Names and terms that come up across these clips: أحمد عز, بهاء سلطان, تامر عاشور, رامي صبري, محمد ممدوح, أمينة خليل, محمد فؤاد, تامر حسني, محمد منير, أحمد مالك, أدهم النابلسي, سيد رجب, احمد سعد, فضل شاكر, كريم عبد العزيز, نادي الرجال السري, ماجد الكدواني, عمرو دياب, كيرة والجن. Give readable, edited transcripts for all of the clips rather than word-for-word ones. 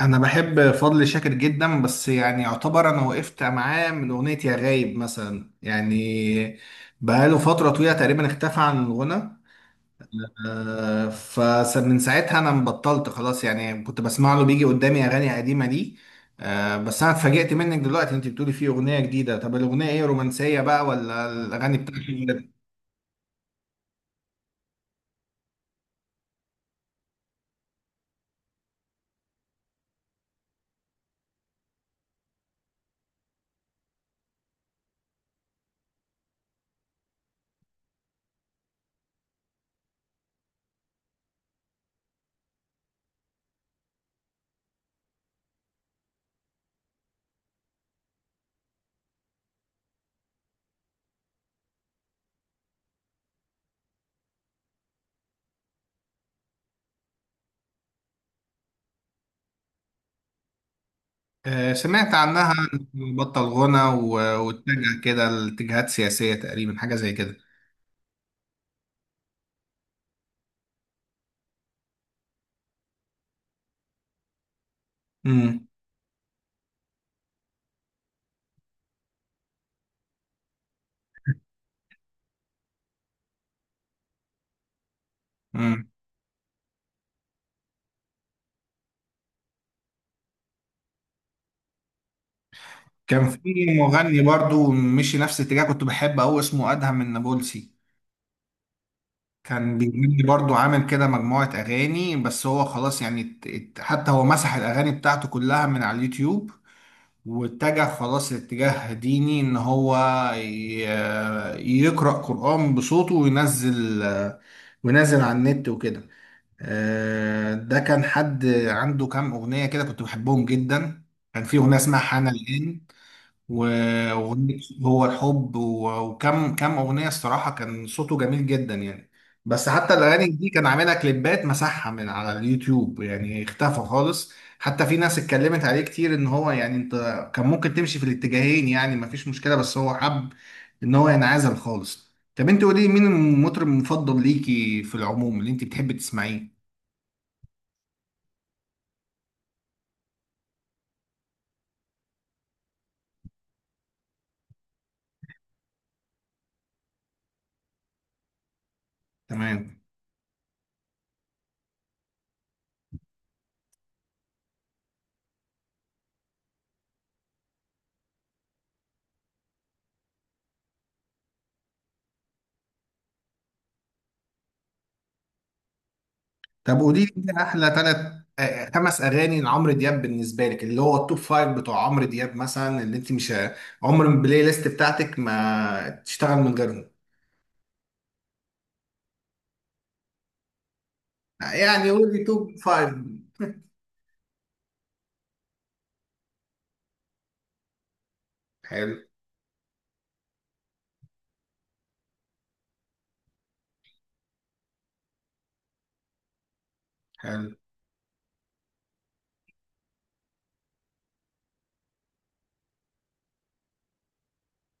انا بحب فضل شاكر جدا، بس يعني يعتبر انا وقفت معاه من اغنيه يا غايب مثلا. يعني بقاله فتره طويله تقريبا اختفى عن الغنى. فمن ساعتها انا مبطلت خلاص، يعني كنت بسمع له بيجي قدامي اغاني قديمه دي. بس انا اتفاجئت منك دلوقتي انت بتقولي فيه اغنيه جديده. طب الاغنيه ايه، رومانسيه بقى ولا الاغاني بتاعته؟ سمعت عنها إنه بطل غنى واتجه كده لاتجاهات سياسيه تقريبا، حاجه زي كده. امم كان في مغني برضو مشي نفس الاتجاه، كنت بحبه أوي، اسمه أدهم النابلسي. كان بيغني برضو، عامل كده مجموعة أغاني، بس هو خلاص يعني حتى هو مسح الأغاني بتاعته كلها من على اليوتيوب. واتجه خلاص لاتجاه ديني، إن هو ي- يقرأ قرآن بصوته وينزل وينزل على النت وكده. ده كان حد عنده كام أغنية كده كنت بحبهم جدا. كان في أغنية اسمها حان الآن، وأغنية هو الحب، وكم أغنية. الصراحة كان صوته جميل جدا يعني. بس حتى الأغاني دي كان عاملها كليبات، مسحها من على اليوتيوب، يعني اختفى خالص. حتى في ناس اتكلمت عليه كتير، إن هو يعني أنت كان ممكن تمشي في الاتجاهين، يعني مفيش مشكلة، بس هو حب إن هو ينعزل خالص. طب أنت قولي مين المطرب المفضل ليكي في العموم اللي أنت بتحبي تسمعيه؟ تمام. طب قولي لي كده احلى 5 اغاني لعمرو دياب بالنسبه لك، اللي هو التوب فايف بتوع عمرو دياب، مثلا اللي انت مش عمر ما البلاي ليست بتاعتك ما تشتغل من غيرهم. يعني قولي توب فايف. حلو. حلو.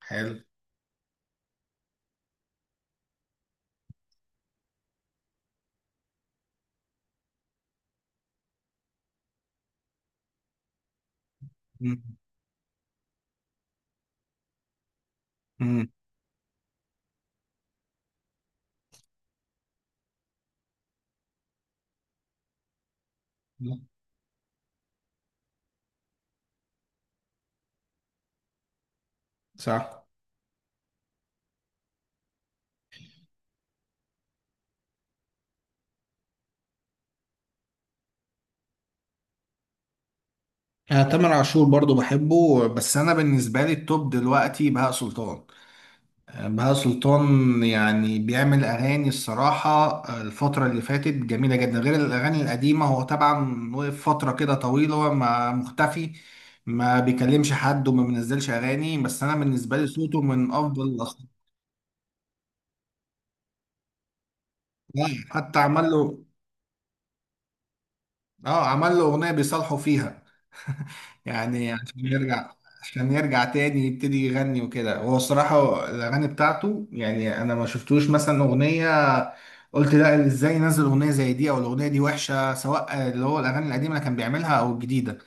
حلو. مم. مم. صح. انا تامر عاشور برضو بحبه، بس انا بالنسبه لي التوب دلوقتي بهاء سلطان. بهاء سلطان يعني بيعمل أغاني، الصراحة الفترة اللي فاتت جميلة جدا غير الأغاني القديمة. هو طبعا وقف فترة كده طويلة، هو ما مختفي، ما بيكلمش حد وما بينزلش أغاني، بس أنا بالنسبة لي صوته من أفضل الأصوات. يعني حتى عمل له، اه عمل له اغنيه بيصالحوا فيها يعني عشان يرجع، عشان يرجع تاني يبتدي يغني وكده. هو الصراحه الاغاني بتاعته، يعني انا ما شفتوش مثلا اغنيه قلت لا، ازاي نزل اغنيه زي دي، او الاغنيه دي وحشه، سواء اللي هو الاغاني القديمه اللي كان بيعملها او الجديده.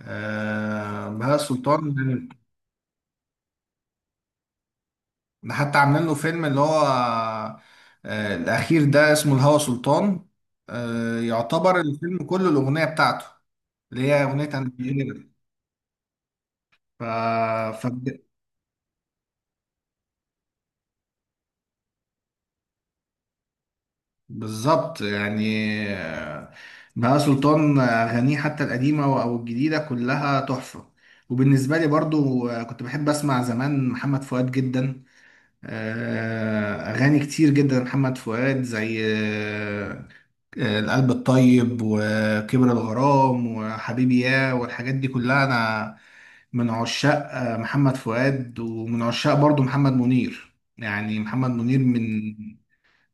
آه بهاء سلطان ده حتى عاملين له فيلم اللي هو الاخير ده اسمه الهوى سلطان. يعتبر الفيلم كله الاغنيه بتاعته اللي هي اغنيه انا. ف... ف... بالظبط يعني. آه، بهاء سلطان، أغانيه حتى القديمة أو الجديدة كلها تحفة. وبالنسبة لي برضو كنت بحب أسمع زمان محمد فؤاد جدا. أغاني كتير جدا محمد فؤاد، زي القلب الطيب وكبر الغرام وحبيبي يا والحاجات دي كلها. أنا من عشاق محمد فؤاد، ومن عشاق برضو محمد منير. يعني محمد منير من،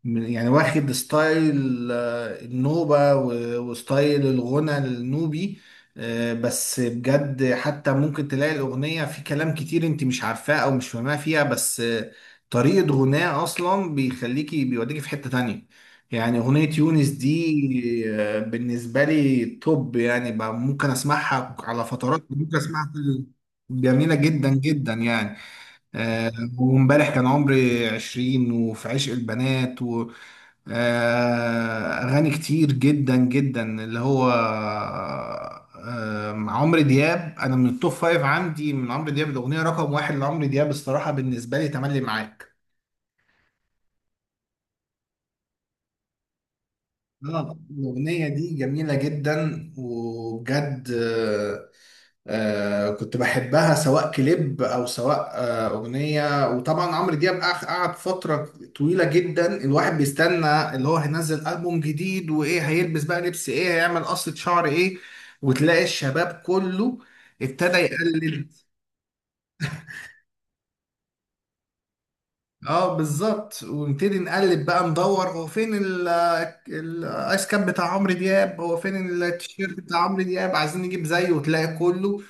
يعني واخد ستايل النوبة وستايل الغنى النوبي. بس بجد حتى ممكن تلاقي الأغنية في كلام كتير انت مش عارفاه أو مش فاهماه فيها، بس طريقة غناه أصلا بيخليكي بيوديكي في حتة تانية. يعني أغنية يونس دي بالنسبة لي توب، يعني بقى ممكن أسمعها على فترات، ممكن أسمعها جميلة جدا جدا يعني. آه، وامبارح كان عمري 20 وفي عشق البنات. اغاني كتير جدا جدا اللي هو، عمرو دياب، انا من التوب فايف عندي من عمرو دياب. الاغنيه رقم واحد لعمرو دياب الصراحه بالنسبه لي تملي معاك. الأغنية دي جميلة جدا وبجد. كنت بحبها سواء كليب أو سواء أغنية. وطبعا عمرو دياب قعد فترة طويلة جدا، الواحد بيستنى اللي هو هينزل ألبوم جديد، وإيه هيلبس بقى، لبس إيه، هيعمل قصة شعر إيه. وتلاقي الشباب كله ابتدى يقلد. اه بالظبط، ونبتدي نقلب بقى ندور هو فين الايس كاب بتاع عمرو دياب، هو فين التيشيرت بتاع عمرو دياب، عايزين نجيب زيه. وتلاقي كله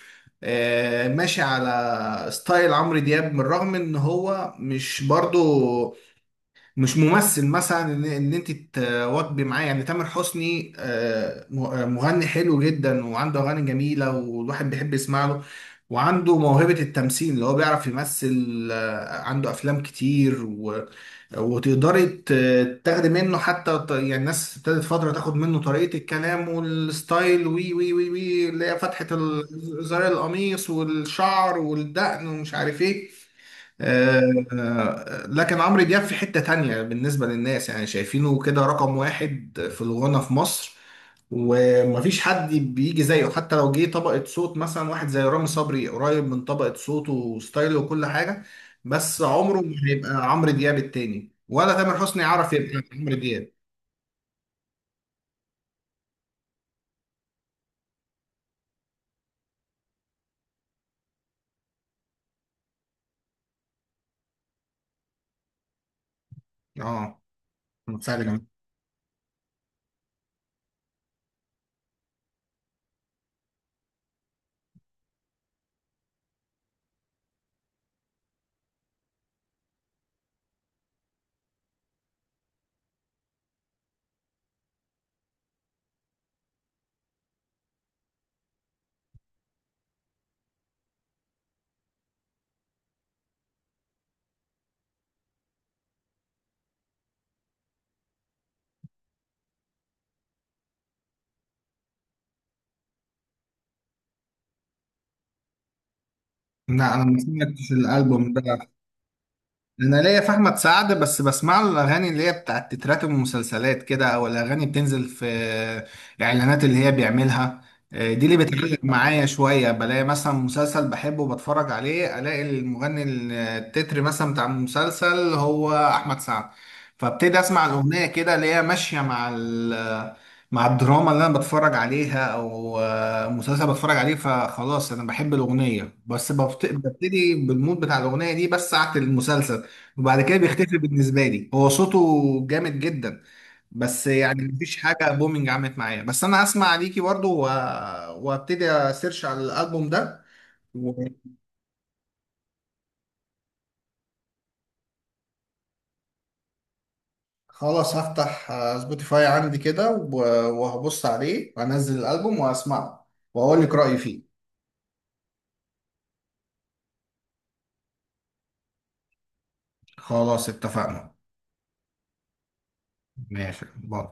ماشي على ستايل عمرو دياب، من الرغم ان هو مش برضو مش ممثل مثلا. إن انت تواكبي معاه. يعني تامر حسني مغني حلو جدا وعنده اغاني جميلة، والواحد بيحب يسمع له، وعنده موهبة التمثيل اللي هو بيعرف يمثل. عنده أفلام كتير، وتقدري تاخدي منه حتى يعني الناس ابتدت فترة تاخد منه طريقة الكلام والستايل، وي وي وي وي، اللي هي فتحة زرار القميص والشعر والدقن ومش عارف ايه. آه، لكن عمرو دياب في حتة تانية بالنسبة للناس، يعني شايفينه كده رقم واحد في الغنى في مصر. ومفيش حد بيجي زيه، حتى لو جه طبقة صوت مثلا واحد زي رامي صبري، قريب من طبقة صوته وستايله وكل حاجة، بس عمره ما هيبقى عمرو دياب التاني، ولا تامر حسني يعرف يبقى عمرو دياب. اه سعد جمال. لا انا ما سمعتش الالبوم ده. انا ليا في احمد سعد، بس بسمع له الاغاني اللي هي بتاعت تترات المسلسلات كده، او الاغاني بتنزل في الاعلانات اللي هي بيعملها. دي اللي بتعلق معايا شويه. بلاقي مثلا مسلسل بحبه وبتفرج عليه، الاقي المغني التتر مثلا بتاع المسلسل هو احمد سعد، فابتدي اسمع الاغنيه كده اللي هي ماشيه مع مع الدراما اللي انا بتفرج عليها، او مسلسل بتفرج عليه، فخلاص انا بحب الاغنيه، بس ببتدي بالمود بتاع الاغنيه دي بس ساعه المسلسل، وبعد كده بيختفي بالنسبه لي. هو صوته جامد جدا، بس يعني مفيش حاجه بومينج عملت معايا. بس انا اسمع عليكي برضو وابتدي اسيرش على الالبوم ده. وخلاص هفتح سبوتيفاي عندي كده وهبص عليه وانزل الالبوم واسمعه واقول لك رايي فيه. خلاص اتفقنا. ماشي، باي.